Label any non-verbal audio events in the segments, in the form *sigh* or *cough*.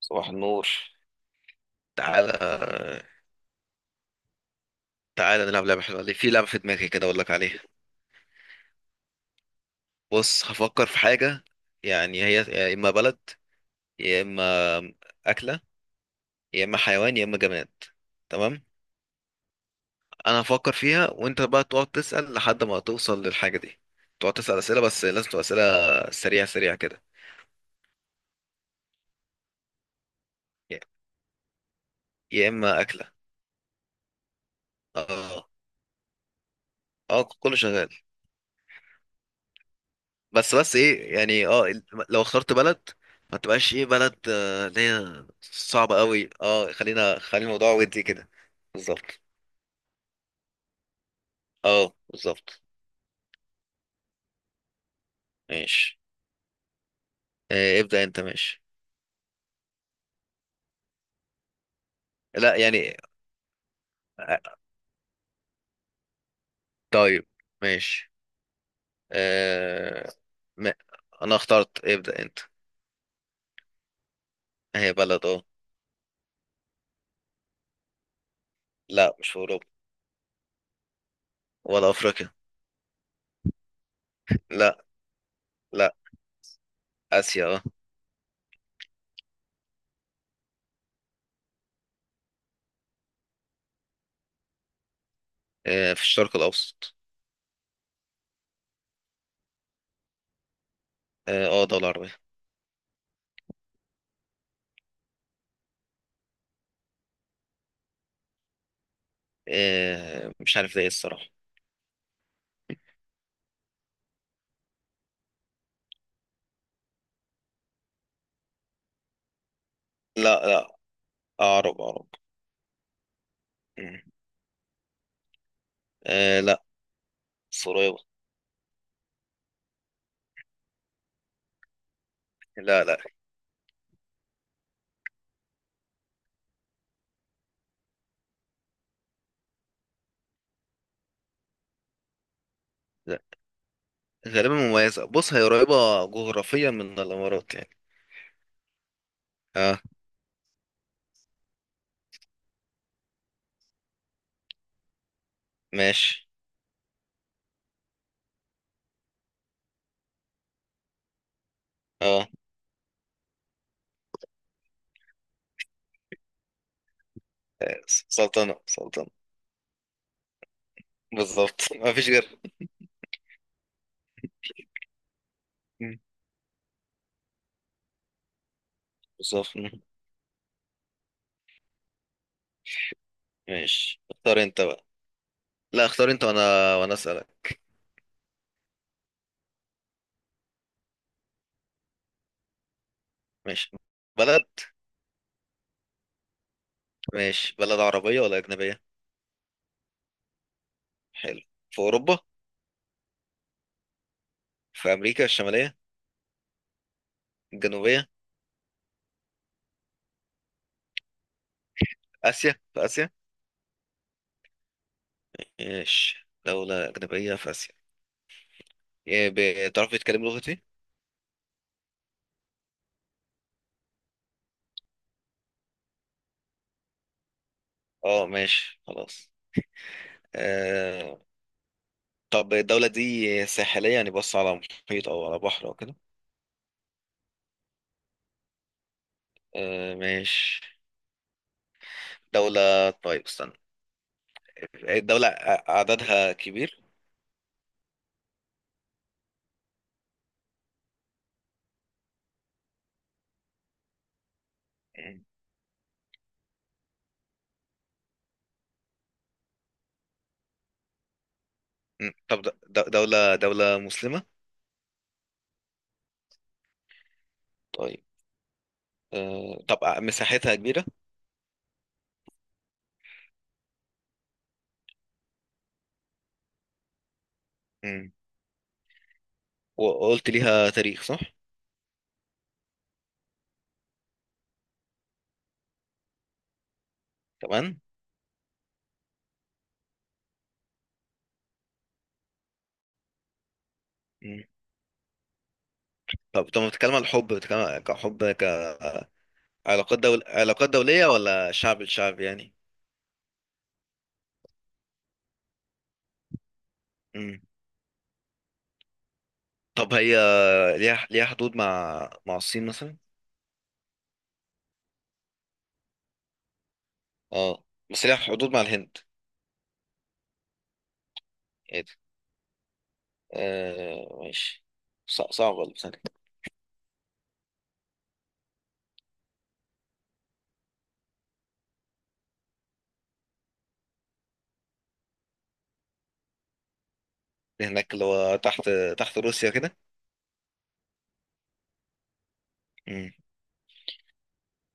صباح النور. تعالى تعالى، نلعب لعبة حلوة. ليه؟ في لعبة في دماغي كده أقول لك عليها. بص، هفكر في حاجة. يعني هي يا إما بلد، يا إما أكلة، يا إما حيوان، يا إما جماد. تمام. أنا هفكر فيها وأنت بقى تقعد تسأل لحد ما توصل للحاجة دي. تقعد تسأل أسئلة، بس لازم تبقى أسئلة سريعة سريعة كده. يا يا إما أكلة. آه، آه، كله شغال. بس ايه، يعني لو اخترت بلد ما تبقاش ايه بلد اللي هي صعبة قوي. اه خلي الموضوع ودي كده. بالظبط. اه، بالظبط. ماشي. آه، ابدأ انت، ماشي. لا، يعني. آه، طيب. ماشي. آه، ما انا اخترت. ابدأ انت. هي بلد، اه. لا، مش في اوروبا. ولا افريقيا. لا، لا، اسيا، اه. آه، في الشرق الاوسط. اه، آه، دولة عربية. آه، مش عارف ده ايه الصراحة. لا، لا، عرب عرب. آه، لا، بس قريبة. لا، لا، لا، غالبا مميزة. بص، هي قريبة جغرافيا من الإمارات يعني. اه، ماشي. اه، آه، سلطنة سلطنة. بالظبط *laughs* مفيش غير. مم. بالظبط. مم. ماشي، اختار انت بقى. لا، اختار انت وانا اسألك. ماشي. بلد. ماشي. بلد عربية ولا أجنبية؟ حلو. في أوروبا؟ في أمريكا الشمالية؟ الجنوبية؟ آسيا، في آسيا؟ ماشي، دولة أجنبية في آسيا. إيه، بتعرف تتكلم لغتي؟ اه، ماشي، خلاص. آه، طب الدولة دي ساحلية؟ يعني بص على محيط أو على بحر أو كده. آه، ماشي. دولة. طيب، استنى. الدولة عددها كبير. طب دولة مسلمة؟ طيب. آه، طب مساحتها كبيرة؟ م. وقلت ليها تاريخ، صح؟ كمان. م. طب بتتكلم عن الحب، بتتكلم كحب، كعلاقات؟ دول علاقات دولية ولا شعب لشعب يعني؟ م. طب هي ليها حدود مع الصين مثلا؟ اه، بس ليها حدود مع الهند؟ ايه ده. آه، ماشي. صعب والله. ثانية. هناك اللي هو تحت روسيا كده. مم.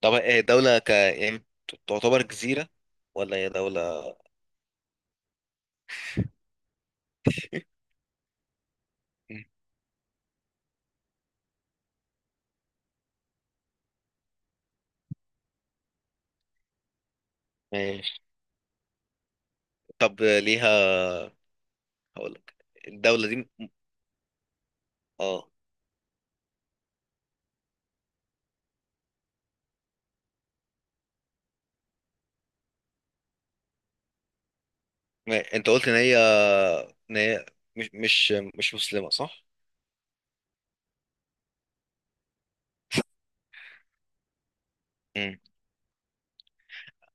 طب إيه، دولة يعني تعتبر جزيرة ولا هي دولة؟ مم. ماشي، طب ليها. هقول لك. الدولة دي. اه، انت قلت ان هي مش مسلمة، صح؟ مم.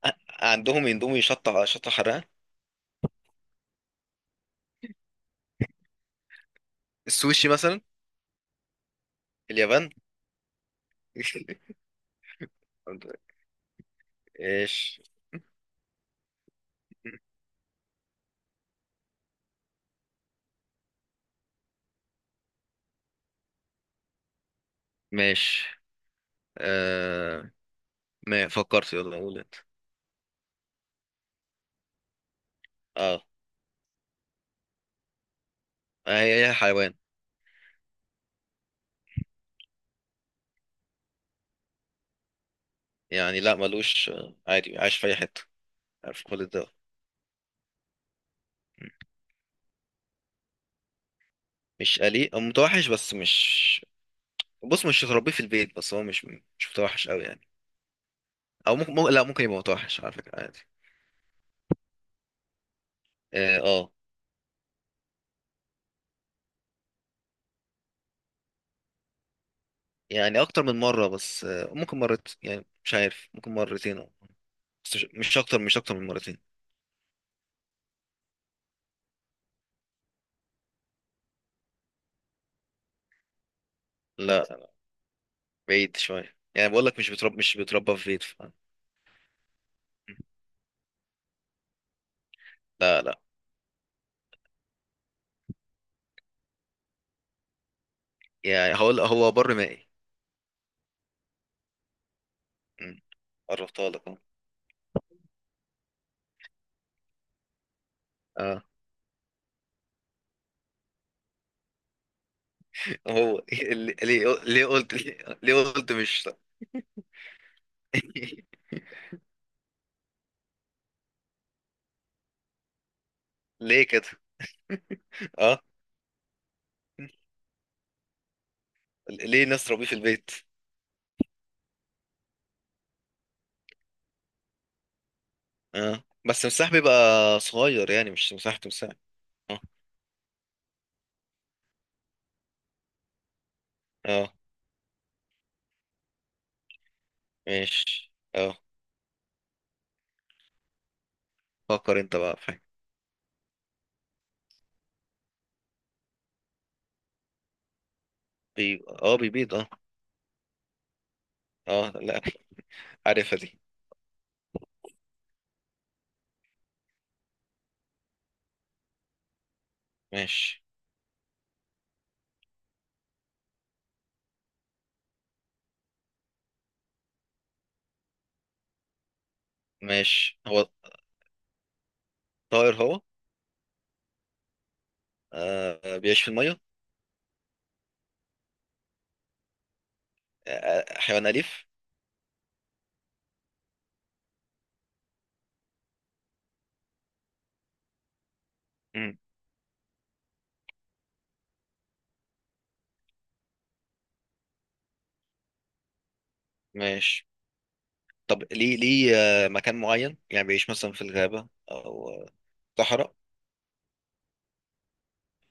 ع- عندهم يندومي، شطة شطة حرقة. السوشي مثلا. اليابان. *laughs* ايش. ماشي. آه... ما فكرت. يلا قول انت. اه، هي هي حيوان. يعني لا، ملوش، عادي عايش في اي حته. عارف كل الدول. مش أليف أو متوحش، بس مش. بص، مش تربيه في البيت، بس هو مش متوحش قوي يعني. او ممكن، لا، ممكن يبقى متوحش على فكره، عادي. اه، آه. يعني اكتر من مره، بس ممكن مرت، يعني مش عارف، ممكن مرتين أو. بس مش اكتر، مش اكتر من مرتين. لا، بعيد شويه، يعني بقول لك مش بتربى في بيت. لا، لا. يعني هقول هو بر مائي. م. قربتها لك أهو. آه، هو ليه قلت ليه قلت مش. *laughs* ليه كده؟ اه. ليه ناس تربيه في البيت؟ اه، بس مساح، بيبقى صغير يعني، مش مساحة تمساح. اه، اه، ماشي، اه. فكر انت بقى، فاهم. بي... اه بيبيض، اه. اه، لا. عارفها دي. ماشي. ماشي. هو طائر هو؟ آه، بيعيش في المية؟ آه، حيوان أليف؟ مم. ماشي، طب ليه مكان معين يعني بيعيش مثلا في الغابة أو صحراء؟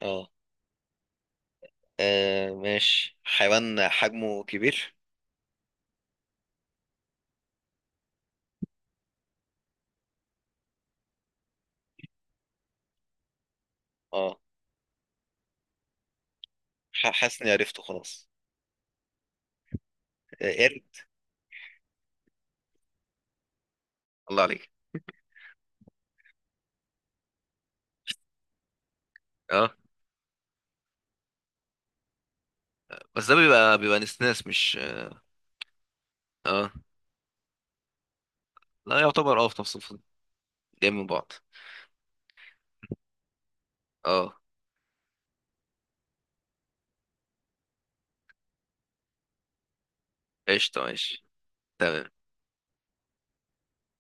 اه. آه، ماشي، حيوان حجمه كبير. اه. حاسس اني عرفته خلاص. آه، قرد. الله عليك. اه، بس ده بيبقى نسناس مش. اه، لا يعتبر، في نفس الفصل. جاي من بعض. اه، قشطة، ماشي. تمام.